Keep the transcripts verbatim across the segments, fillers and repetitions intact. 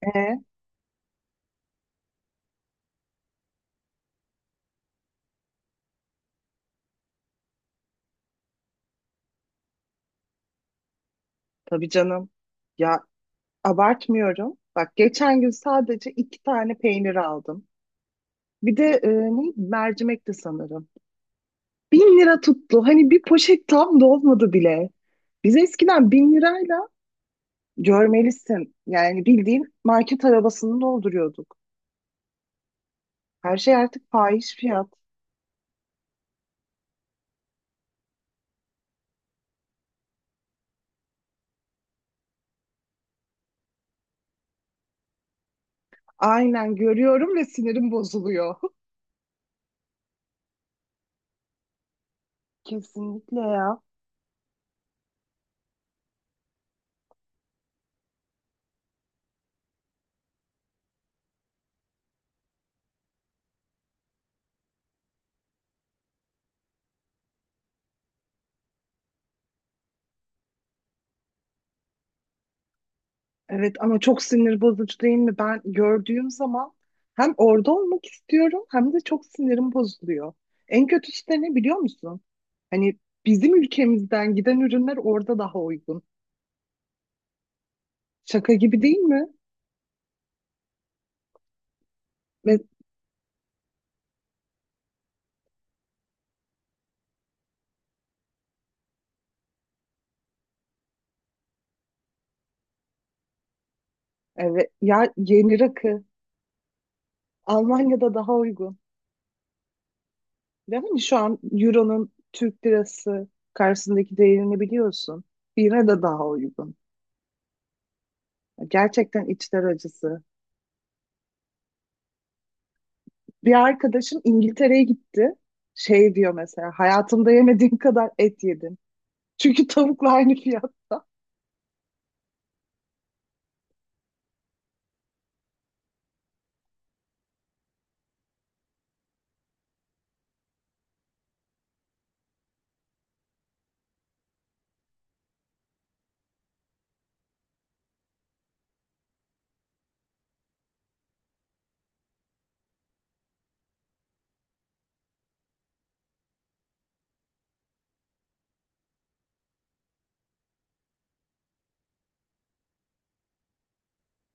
E, tabii canım. Ya abartmıyorum. Bak geçen gün sadece iki tane peynir aldım. Bir de e, ne mercimekti sanırım. Bin lira tuttu. Hani bir poşet tam dolmadı bile. Biz eskiden bin lirayla görmelisin. Yani bildiğin market arabasını dolduruyorduk. Her şey artık fahiş fiyat. Aynen görüyorum ve sinirim bozuluyor. Kesinlikle ya. Evet ama çok sinir bozucu değil mi? Ben gördüğüm zaman hem orada olmak istiyorum hem de çok sinirim bozuluyor. En kötüsü de ne biliyor musun? Hani bizim ülkemizden giden ürünler orada daha uygun. Şaka gibi değil mi? Ve evet ya yeni rakı Almanya'da daha uygun. Ve hani şu an Euro'nun Türk lirası karşısındaki değerini biliyorsun. Yine de daha uygun. Gerçekten içler acısı. Bir arkadaşım İngiltere'ye gitti. Şey diyor mesela hayatımda yemediğim kadar et yedim. Çünkü tavukla aynı fiyatta.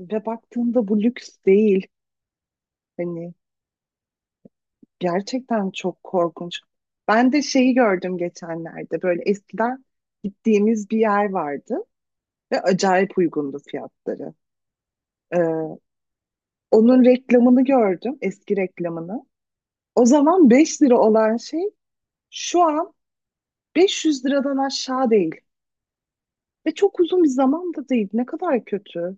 Ve baktığında bu lüks değil. Hani gerçekten çok korkunç. Ben de şeyi gördüm geçenlerde. Böyle eskiden gittiğimiz bir yer vardı ve acayip uygundu fiyatları. Ee, Onun reklamını gördüm, eski reklamını. O zaman beş lira olan şey şu an beş yüz liradan aşağı değil. Ve çok uzun bir zamanda değil. Ne kadar kötü.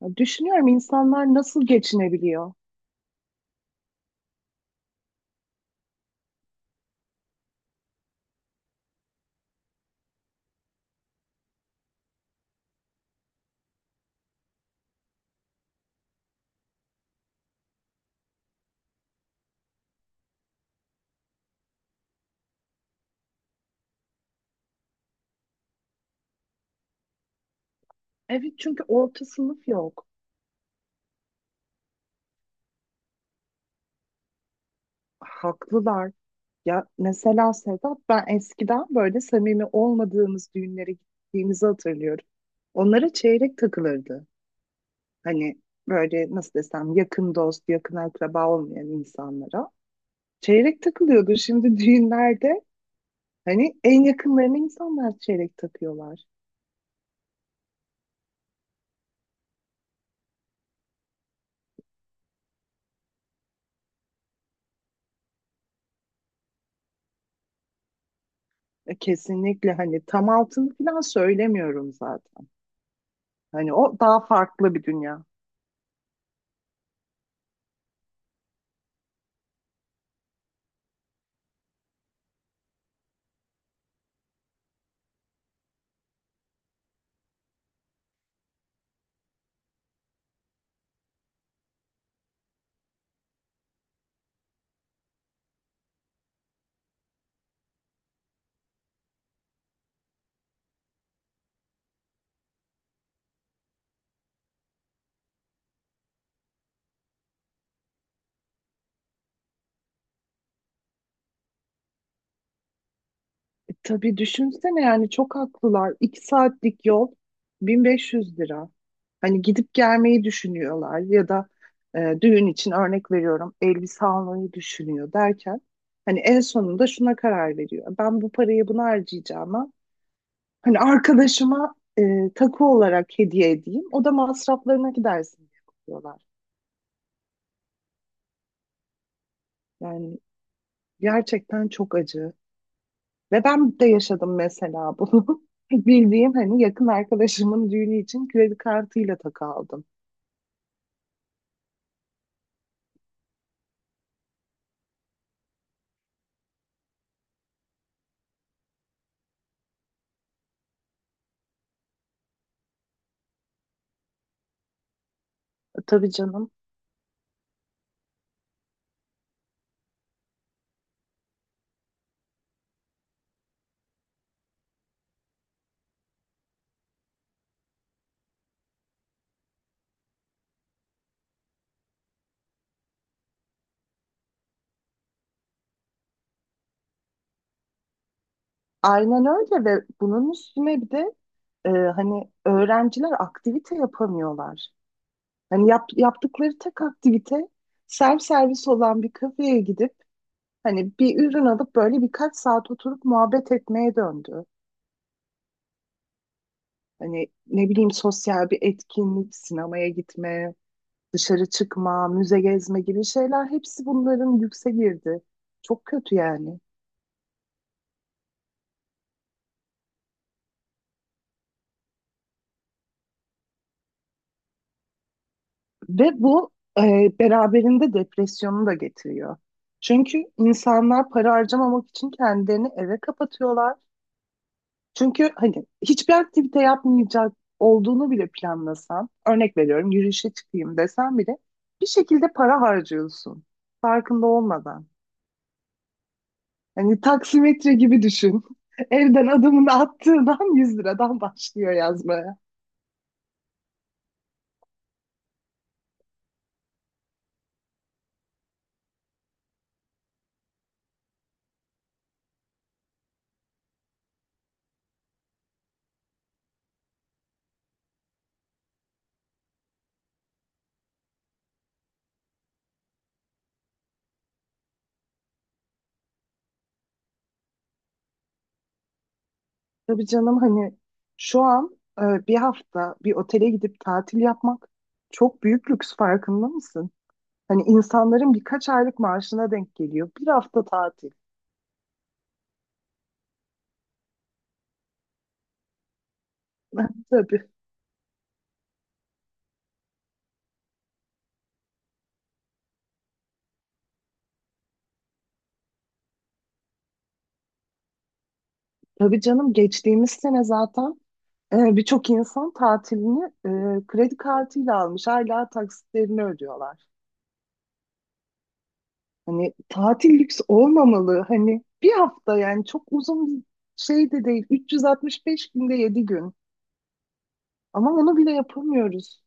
Ya düşünüyorum insanlar nasıl geçinebiliyor. Evet çünkü orta sınıf yok. Haklılar. Ya mesela Sedat, ben eskiden böyle samimi olmadığımız düğünlere gittiğimizi hatırlıyorum. Onlara çeyrek takılırdı. Hani böyle nasıl desem, yakın dost, yakın akraba olmayan insanlara. Çeyrek takılıyordu şimdi düğünlerde. Hani en yakınlarına insanlar çeyrek takıyorlar. E, kesinlikle hani tam altını falan söylemiyorum zaten. Hani o daha farklı bir dünya. E, tabii düşünsene yani çok haklılar. İki saatlik yol bin beş yüz lira. Hani gidip gelmeyi düşünüyorlar ya da e, düğün için örnek veriyorum elbise almayı düşünüyor derken hani en sonunda şuna karar veriyor. Ben bu parayı buna harcayacağım. Hani arkadaşıma e, takı olarak hediye edeyim. O da masraflarına gidersin diye yapıyorlar. Yani gerçekten çok acı. Ve ben de yaşadım mesela bunu. Bildiğim hani yakın arkadaşımın düğünü için kredi kartıyla takı aldım. Tabii canım. Aynen öyle ve bunun üstüne bir de e, hani öğrenciler aktivite yapamıyorlar. Hani yap, yaptıkları tek aktivite servis olan bir kafeye gidip hani bir ürün alıp böyle birkaç saat oturup muhabbet etmeye döndü. Hani ne bileyim sosyal bir etkinlik, sinemaya gitme, dışarı çıkma, müze gezme gibi şeyler hepsi bunların yükse girdi. Çok kötü yani. Ve bu e, beraberinde depresyonu da getiriyor. Çünkü insanlar para harcamamak için kendilerini eve kapatıyorlar. Çünkü hani hiçbir aktivite yapmayacak olduğunu bile planlasan, örnek veriyorum yürüyüşe çıkayım desen bile bir şekilde para harcıyorsun farkında olmadan. Hani taksimetre gibi düşün. Evden adımını attığından yüz liradan başlıyor yazmaya. Tabii canım hani şu an e, bir hafta bir otele gidip tatil yapmak çok büyük lüks, farkında mısın? Hani insanların birkaç aylık maaşına denk geliyor. Bir hafta tatil. Tabii. Tabii canım geçtiğimiz sene zaten Ee, birçok insan tatilini e, kredi kartıyla almış. Hala taksitlerini ödüyorlar. Hani tatil lüks olmamalı. Hani bir hafta yani çok uzun bir şey de değil. üç yüz altmış beş günde yedi gün. Ama onu bile yapamıyoruz.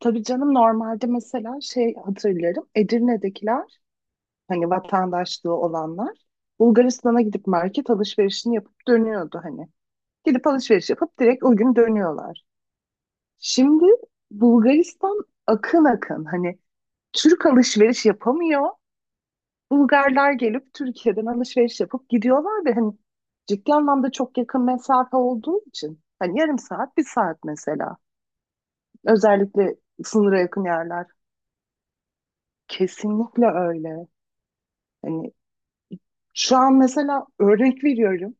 Tabii canım normalde mesela şey hatırlarım. Edirne'dekiler hani vatandaşlığı olanlar Bulgaristan'a gidip market alışverişini yapıp dönüyordu hani. Gidip alışveriş yapıp direkt o gün dönüyorlar. Şimdi Bulgaristan akın akın hani Türk alışveriş yapamıyor. Bulgarlar gelip Türkiye'den alışveriş yapıp gidiyorlar ve hani ciddi anlamda çok yakın mesafe olduğu için hani yarım saat, bir saat mesela. Özellikle sınıra yakın yerler. Kesinlikle öyle. Hani şu an mesela örnek veriyorum.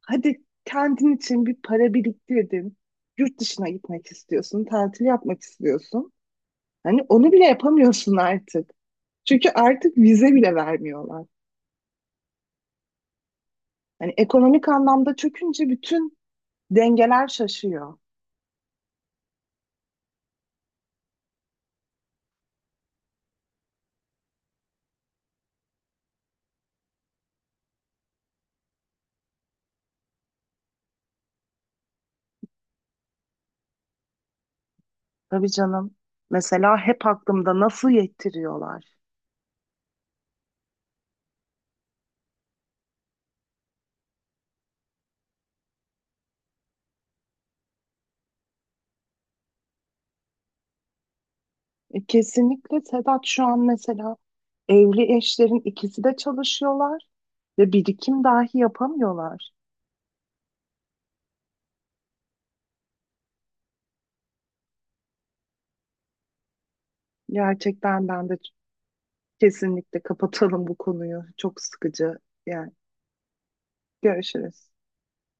Hadi kendin için bir para biriktirdin. Yurt dışına gitmek istiyorsun, tatil yapmak istiyorsun. Hani onu bile yapamıyorsun artık. Çünkü artık vize bile vermiyorlar. Hani ekonomik anlamda çökünce bütün dengeler şaşıyor. Tabii canım. Mesela hep aklımda nasıl yettiriyorlar. E, kesinlikle Sedat şu an mesela evli eşlerin ikisi de çalışıyorlar ve birikim dahi yapamıyorlar. Gerçekten ben de kesinlikle kapatalım bu konuyu. Çok sıkıcı. Yani görüşürüz.